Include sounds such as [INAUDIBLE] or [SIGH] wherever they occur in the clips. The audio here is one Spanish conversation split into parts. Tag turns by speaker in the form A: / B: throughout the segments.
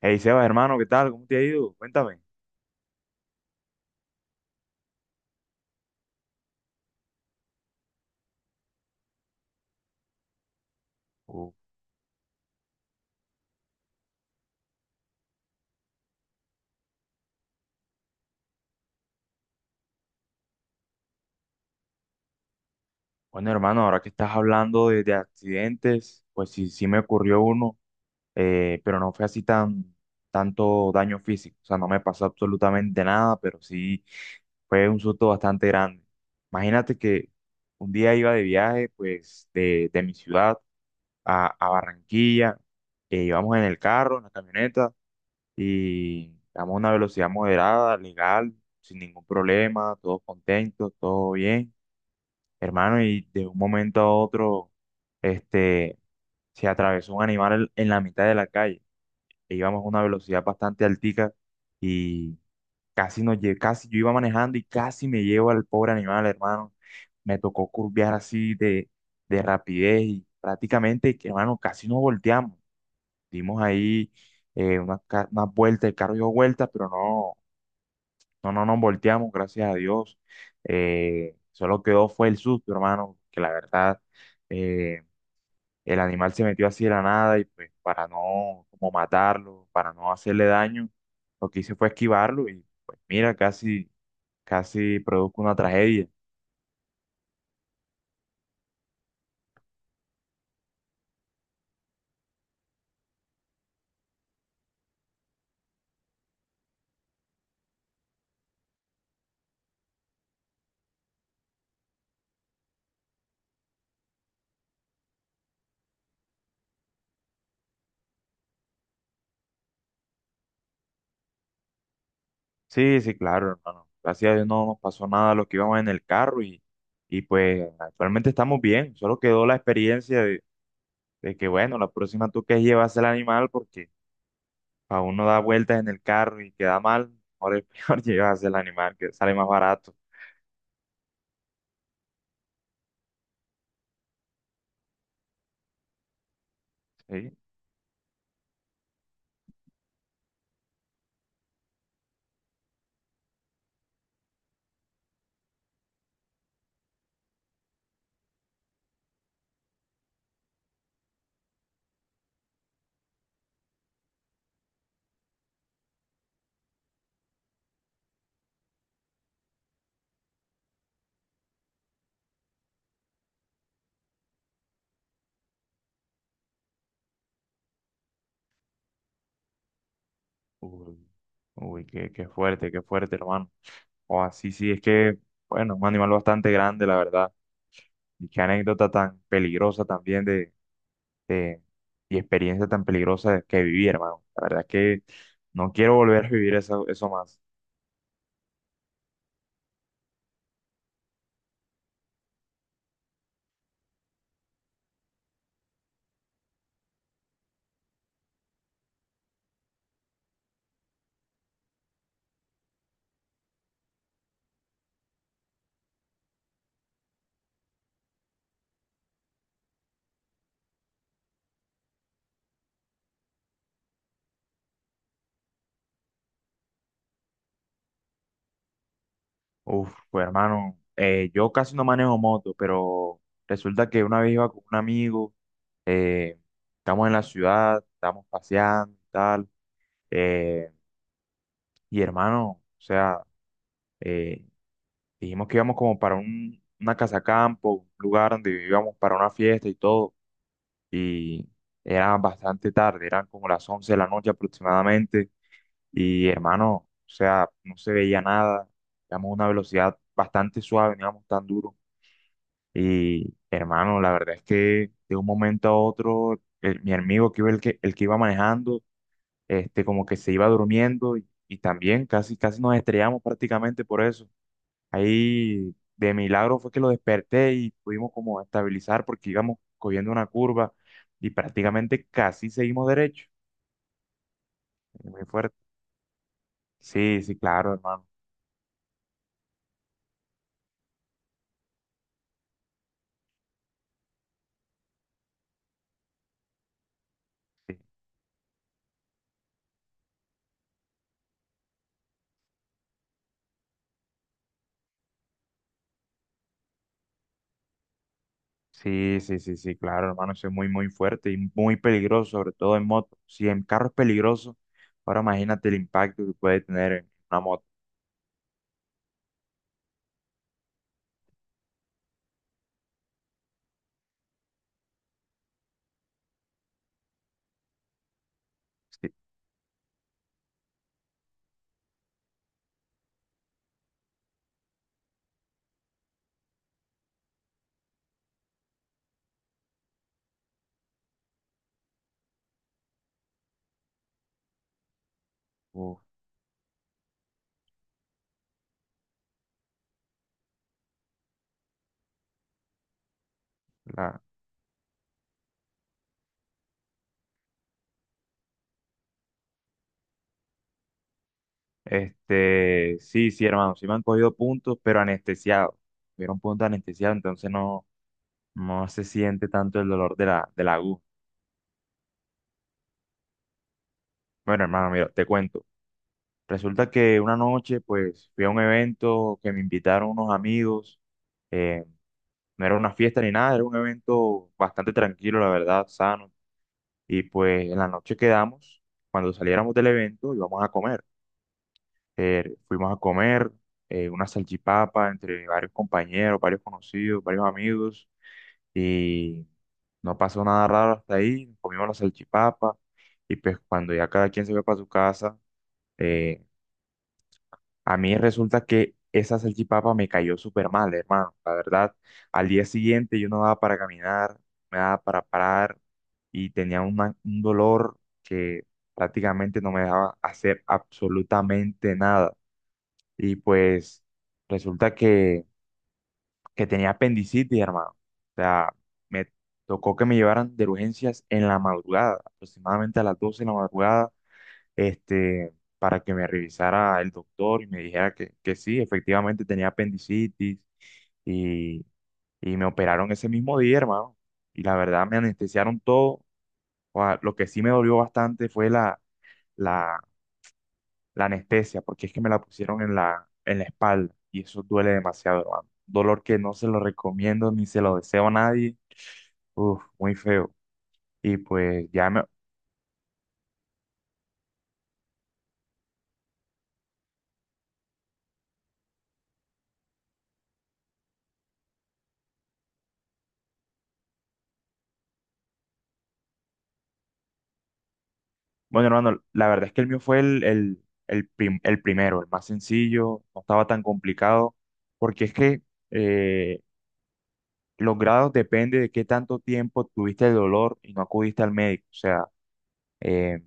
A: Hey Sebas, hermano, ¿qué tal? ¿Cómo te ha ido? Cuéntame. Uh, bueno, hermano, ahora que estás hablando de accidentes, pues sí, sí me ocurrió uno, pero no fue así tan tanto daño físico. O sea, no me pasó absolutamente nada, pero sí fue un susto bastante grande. Imagínate que un día iba de viaje, pues, de mi ciudad a Barranquilla. Íbamos en el carro, en la camioneta. Y vamos a una velocidad moderada, legal, sin ningún problema, todos contentos, todo bien, hermano, y de un momento a otro, este, se atravesó un animal en la mitad de la calle, e íbamos a una velocidad bastante altica y casi yo iba manejando y casi me llevo al pobre animal, hermano, me tocó curvear así de rapidez y prácticamente, que, hermano, casi nos volteamos, dimos ahí unas vueltas, el carro dio vueltas, pero no. No, no nos volteamos, gracias a Dios. Solo quedó fue el susto, hermano, que la verdad eh, el animal se metió así de la nada y pues para no como matarlo, para no hacerle daño, lo que hice fue esquivarlo y pues mira, casi, casi produjo una tragedia. Sí, sí, claro, hermano. Gracias a Dios no nos pasó nada a los que íbamos en el carro y pues actualmente estamos bien. Solo quedó la experiencia de que bueno, la próxima tú que llevas el animal porque a uno da vueltas en el carro y queda mal, mejor es peor [LAUGHS] llevarse el animal, que sale más barato. ¿Sí? Uy, uy, qué fuerte, hermano. O así, sí, es que, bueno, un animal bastante grande, la verdad. Y qué anécdota tan peligrosa también de- y experiencia tan peligrosa que viví, hermano. La verdad es que no quiero volver a vivir eso, eso más. Uf, pues hermano, yo casi no manejo moto, pero resulta que una vez iba con un amigo, eh, estamos en la ciudad, estamos paseando y tal, eh, y hermano, o sea, eh, dijimos que íbamos como para una casa campo, un lugar donde íbamos para una fiesta y todo, y era bastante tarde, eran como las 11 de la noche aproximadamente, y hermano, o sea, no se veía nada, íbamos a una velocidad bastante suave, no íbamos tan duro. Y hermano, la verdad es que de un momento a otro, mi amigo que iba, el que iba manejando, como que se iba durmiendo y también casi, casi nos estrellamos prácticamente por eso. Ahí de milagro fue que lo desperté y pudimos como estabilizar porque íbamos cogiendo una curva y prácticamente casi seguimos derecho. Muy fuerte. Sí, sí, claro, hermano. Sí. Sí, sí, sí, sí, claro, hermano, eso es muy, muy fuerte y muy peligroso, sobre todo en moto. Si en carro es peligroso, ahora imagínate el impacto que puede tener en una moto. Sí, uf, la- sí, sí, hermano, sí me han cogido puntos, pero anestesiado. Tuvieron puntos anestesiados, entonces no, no se siente tanto el dolor de de la aguja. Bueno, hermano, mira, te cuento. Resulta que una noche, pues, fui a un evento que me invitaron unos amigos. eh, No era una fiesta ni nada, era un evento bastante tranquilo, la verdad, sano. Y pues en la noche quedamos, cuando saliéramos del evento íbamos a comer. Fuimos a comer una salchipapa entre varios compañeros, varios conocidos, varios amigos. Y no pasó nada raro hasta ahí, comimos la salchipapa. Y pues cuando ya cada quien se fue para su casa, eh, a mí resulta que esa salchipapa me cayó súper mal, hermano. La verdad, al día siguiente yo no daba para caminar, me daba para parar y tenía un dolor que prácticamente no me dejaba hacer absolutamente nada. Y pues resulta que tenía apendicitis, hermano. O sea, me tocó que me llevaran de urgencias en la madrugada, aproximadamente a las 12 de la madrugada este, para que me revisara el doctor y me dijera que sí, efectivamente tenía apendicitis y, y me operaron ese mismo día, hermano. Y la verdad me anestesiaron todo. O sea, lo que sí me dolió bastante fue la, la anestesia, porque es que me la pusieron en en la espalda y eso duele demasiado, hermano. Dolor que no se lo recomiendo ni se lo deseo a nadie. Uf, muy feo. Y pues ya me, bueno, hermano, la verdad es que el mío fue el primero, el más sencillo, no estaba tan complicado, porque es que eh, los grados depende de qué tanto tiempo tuviste el dolor y no acudiste al médico, o sea, eh,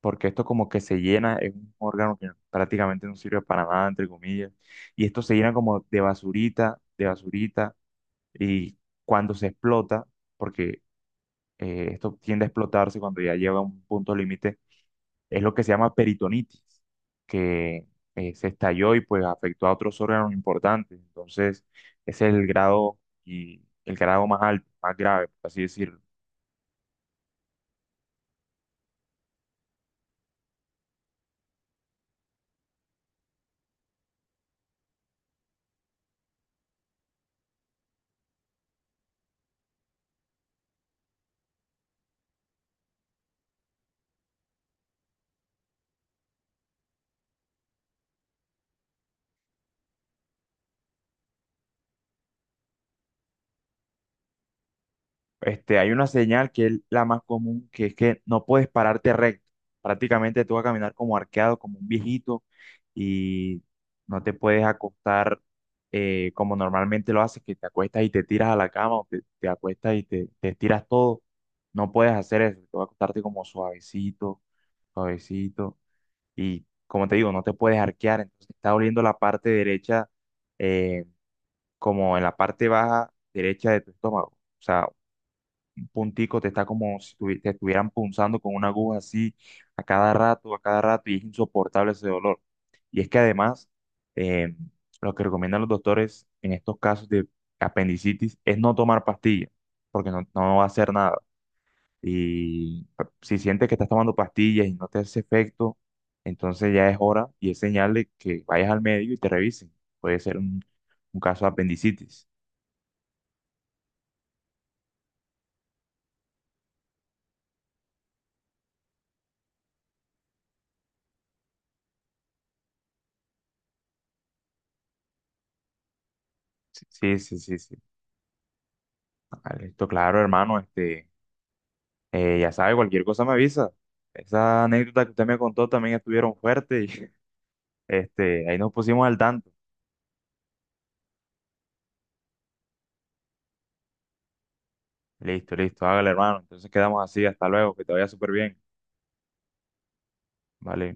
A: porque esto como que se llena, es un órgano que prácticamente no sirve para nada, entre comillas, y esto se llena como de basurita, y cuando se explota, porque esto tiende a explotarse cuando ya lleva a un punto límite es lo que se llama peritonitis, que se estalló y pues afectó a otros órganos importantes. Entonces, ese es el grado y el grado más alto, más grave, por así decirlo. Hay una señal que es la más común, que es que no puedes pararte recto. Prácticamente tú vas a caminar como arqueado, como un viejito, y no te puedes acostar como normalmente lo haces, que te acuestas y te tiras a la cama, o te acuestas y te estiras todo. No puedes hacer eso, te vas a acostarte como suavecito, suavecito, y como te digo, no te puedes arquear, entonces te está doliendo la parte derecha, eh, como en la parte baja derecha de tu estómago. O sea, puntico, te está como si te estuvieran punzando con una aguja así a cada rato, y es insoportable ese dolor. Y es que además, eh, lo que recomiendan los doctores en estos casos de apendicitis es no tomar pastillas, porque no, no va a hacer nada. Y ah, si sientes que estás tomando pastillas y no te hace efecto, entonces ya es hora y es señal de que vayas al médico y te revisen. Puede ser un caso de apendicitis. Sí, sí, sí, sí. Vale, esto claro, hermano. Ya sabe, cualquier cosa me avisa. Esa anécdota que usted me contó también estuvieron fuertes y [LAUGHS] ahí nos pusimos al tanto. Listo, listo, hágale, hermano. Entonces quedamos así, hasta luego, que te vaya súper bien. Vale.